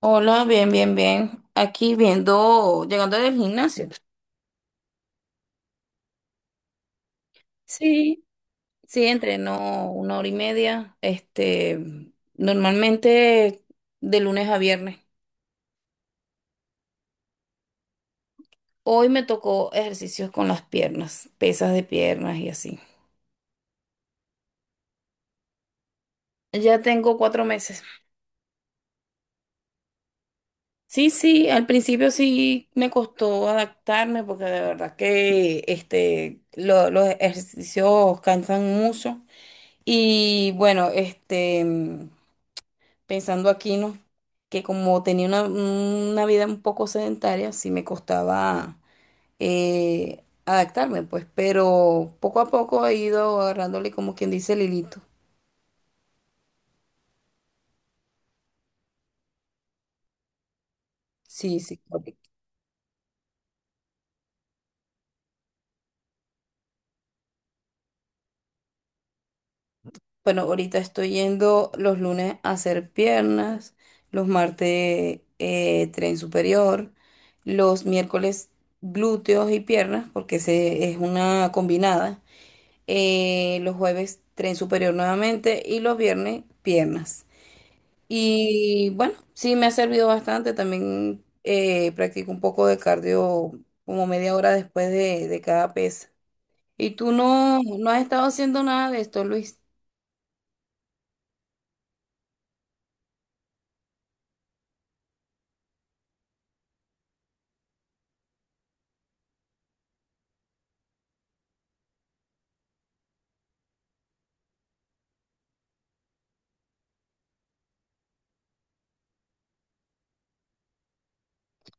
Hola, bien, bien, bien. Aquí viendo, llegando del gimnasio. Sí, sí, entreno una hora y media. Normalmente de lunes a viernes. Hoy me tocó ejercicios con las piernas, pesas de piernas y así. Ya tengo 4 meses. Sí, sí, al principio sí me costó adaptarme porque de verdad que los ejercicios cansan mucho. Y bueno, pensando aquí, ¿no? Que como tenía una vida un poco sedentaria, sí me costaba adaptarme, pues, pero poco a poco he ido agarrándole como quien dice el hilito. Sí, sí. Correcto. Bueno, ahorita estoy yendo los lunes a hacer piernas, los martes tren superior, los miércoles glúteos y piernas, porque es una combinada. Los jueves tren superior nuevamente y los viernes piernas. Y bueno, sí me ha servido bastante. También practico un poco de cardio como media hora después de cada pesa. Y tú no, no has estado haciendo nada de esto, Luis.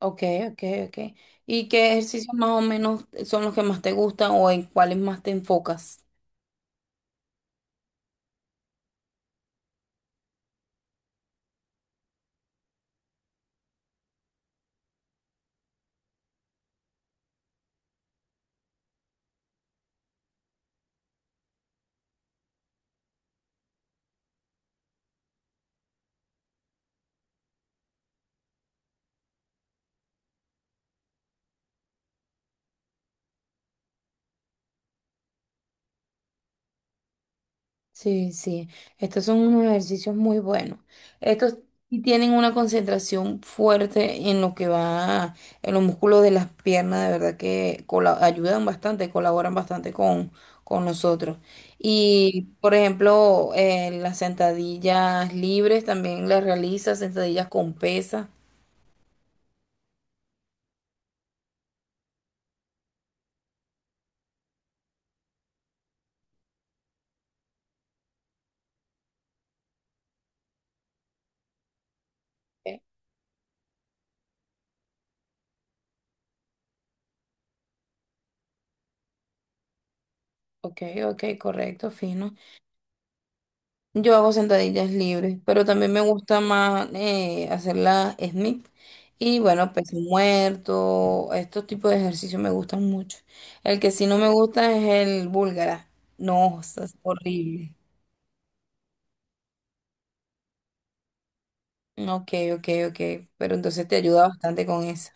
Ok, ok, ok. ¿Y qué ejercicios más o menos son los que más te gustan o en cuáles más te enfocas? Sí, sí, estos son unos ejercicios muy buenos. Estos sí tienen una concentración fuerte en lo que va, en los músculos de las piernas, de verdad que ayudan bastante, colaboran bastante con nosotros. Y, por ejemplo, las sentadillas libres también las realizas, sentadillas con pesas. Ok, ok, ok, correcto, fino. Yo hago sentadillas libres, pero también me gusta más hacer la Smith. Y bueno, peso muerto, estos tipos de ejercicios me gustan mucho. El que sí no me gusta es el búlgara. No, eso es horrible. Ok, ok, ok. Pero entonces te ayuda bastante con eso.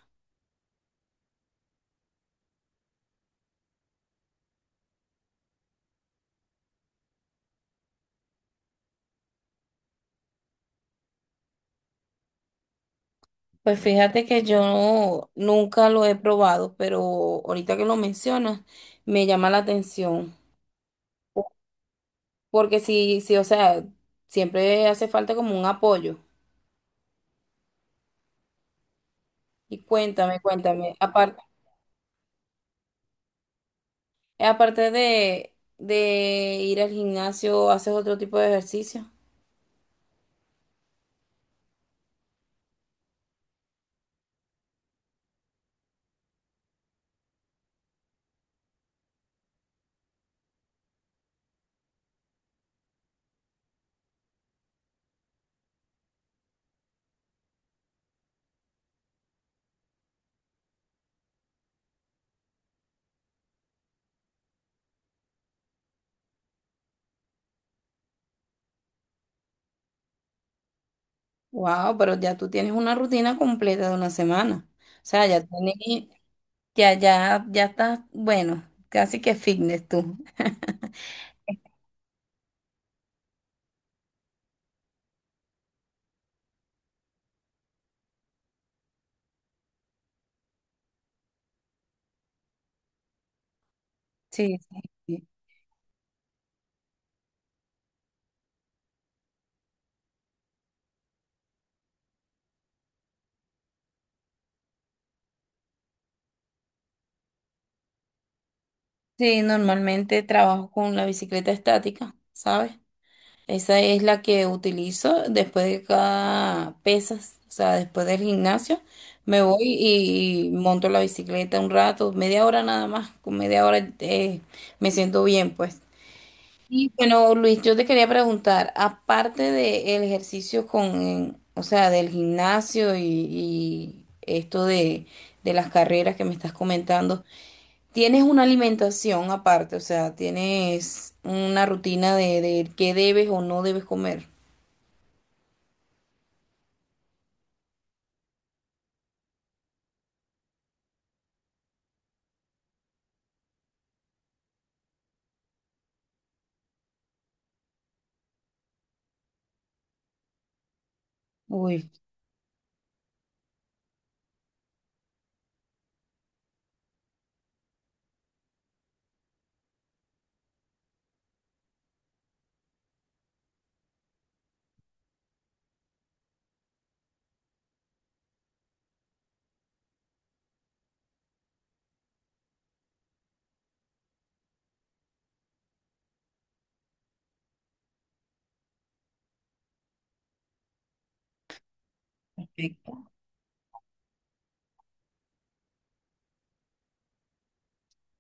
Pues fíjate que yo nunca lo he probado, pero ahorita que lo mencionas, me llama la atención. Porque sí, sí, o sea, siempre hace falta como un apoyo. Y cuéntame, cuéntame, aparte de ir al gimnasio, ¿haces otro tipo de ejercicio? Wow, pero ya tú tienes una rutina completa de una semana. O sea, ya tienes, ya estás, bueno, casi que fitness tú. Sí, sí, sí. Sí, normalmente trabajo con la bicicleta estática, ¿sabes? Esa es la que utilizo después de cada pesas, o sea, después del gimnasio. Me voy y monto la bicicleta un rato, media hora nada más, con media hora me siento bien, pues. Y bueno, Luis, yo te quería preguntar, aparte del ejercicio con, o sea, del gimnasio y esto de las carreras que me estás comentando, ¿tienes una alimentación aparte? O sea, ¿tienes una rutina de qué debes o no debes comer? Uy, perfecto.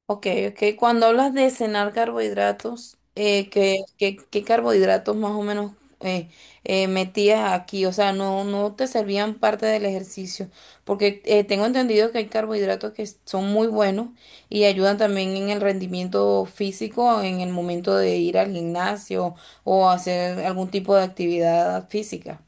Ok, ok. Cuando hablas de cenar carbohidratos, qué carbohidratos más o menos eh, metías aquí? O sea, no, no te servían parte del ejercicio, porque tengo entendido que hay carbohidratos que son muy buenos y ayudan también en el rendimiento físico en el momento de ir al gimnasio o hacer algún tipo de actividad física.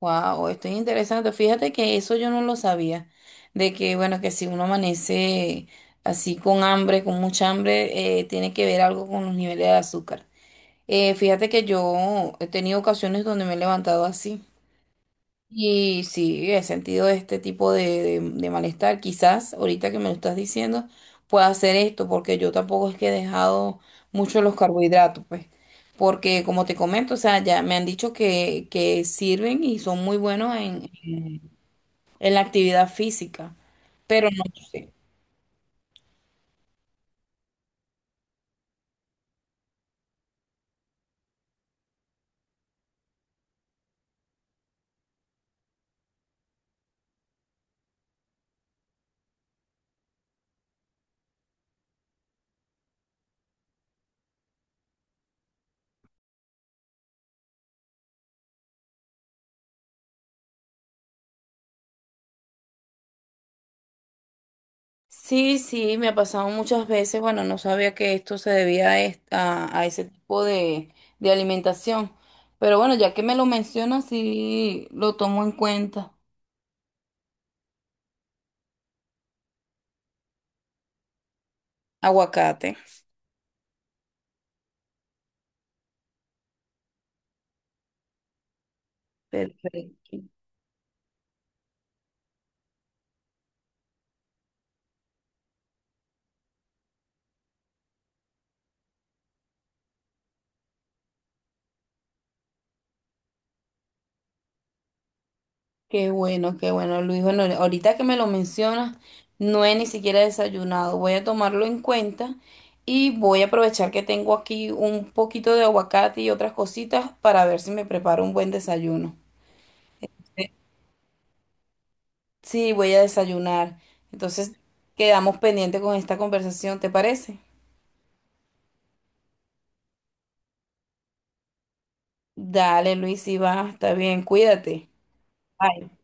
Wow, esto es interesante. Fíjate que eso yo no lo sabía. De que, bueno, que si uno amanece así con hambre, con mucha hambre, tiene que ver algo con los niveles de azúcar. Fíjate que yo he tenido ocasiones donde me he levantado así. Y sí, he sentido este tipo de malestar. Quizás ahorita que me lo estás diciendo, pueda hacer esto, porque yo tampoco es que he dejado mucho los carbohidratos, pues. Porque como te comento, o sea, ya me han dicho que sirven y son muy buenos en la actividad física, pero no sé. Sí, sí, me ha pasado muchas veces. Bueno, no sabía que esto se debía a ese tipo de alimentación. Pero bueno, ya que me lo mencionas, sí lo tomo en cuenta. Aguacate. Perfecto. Qué bueno, Luis. Bueno, ahorita que me lo mencionas, no he ni siquiera desayunado. Voy a tomarlo en cuenta y voy a aprovechar que tengo aquí un poquito de aguacate y otras cositas para ver si me preparo un buen desayuno. Eh, Sí, voy a desayunar. Entonces, quedamos pendientes con esta conversación, ¿te parece? Dale, Luis, y va, está bien, cuídate. Bye.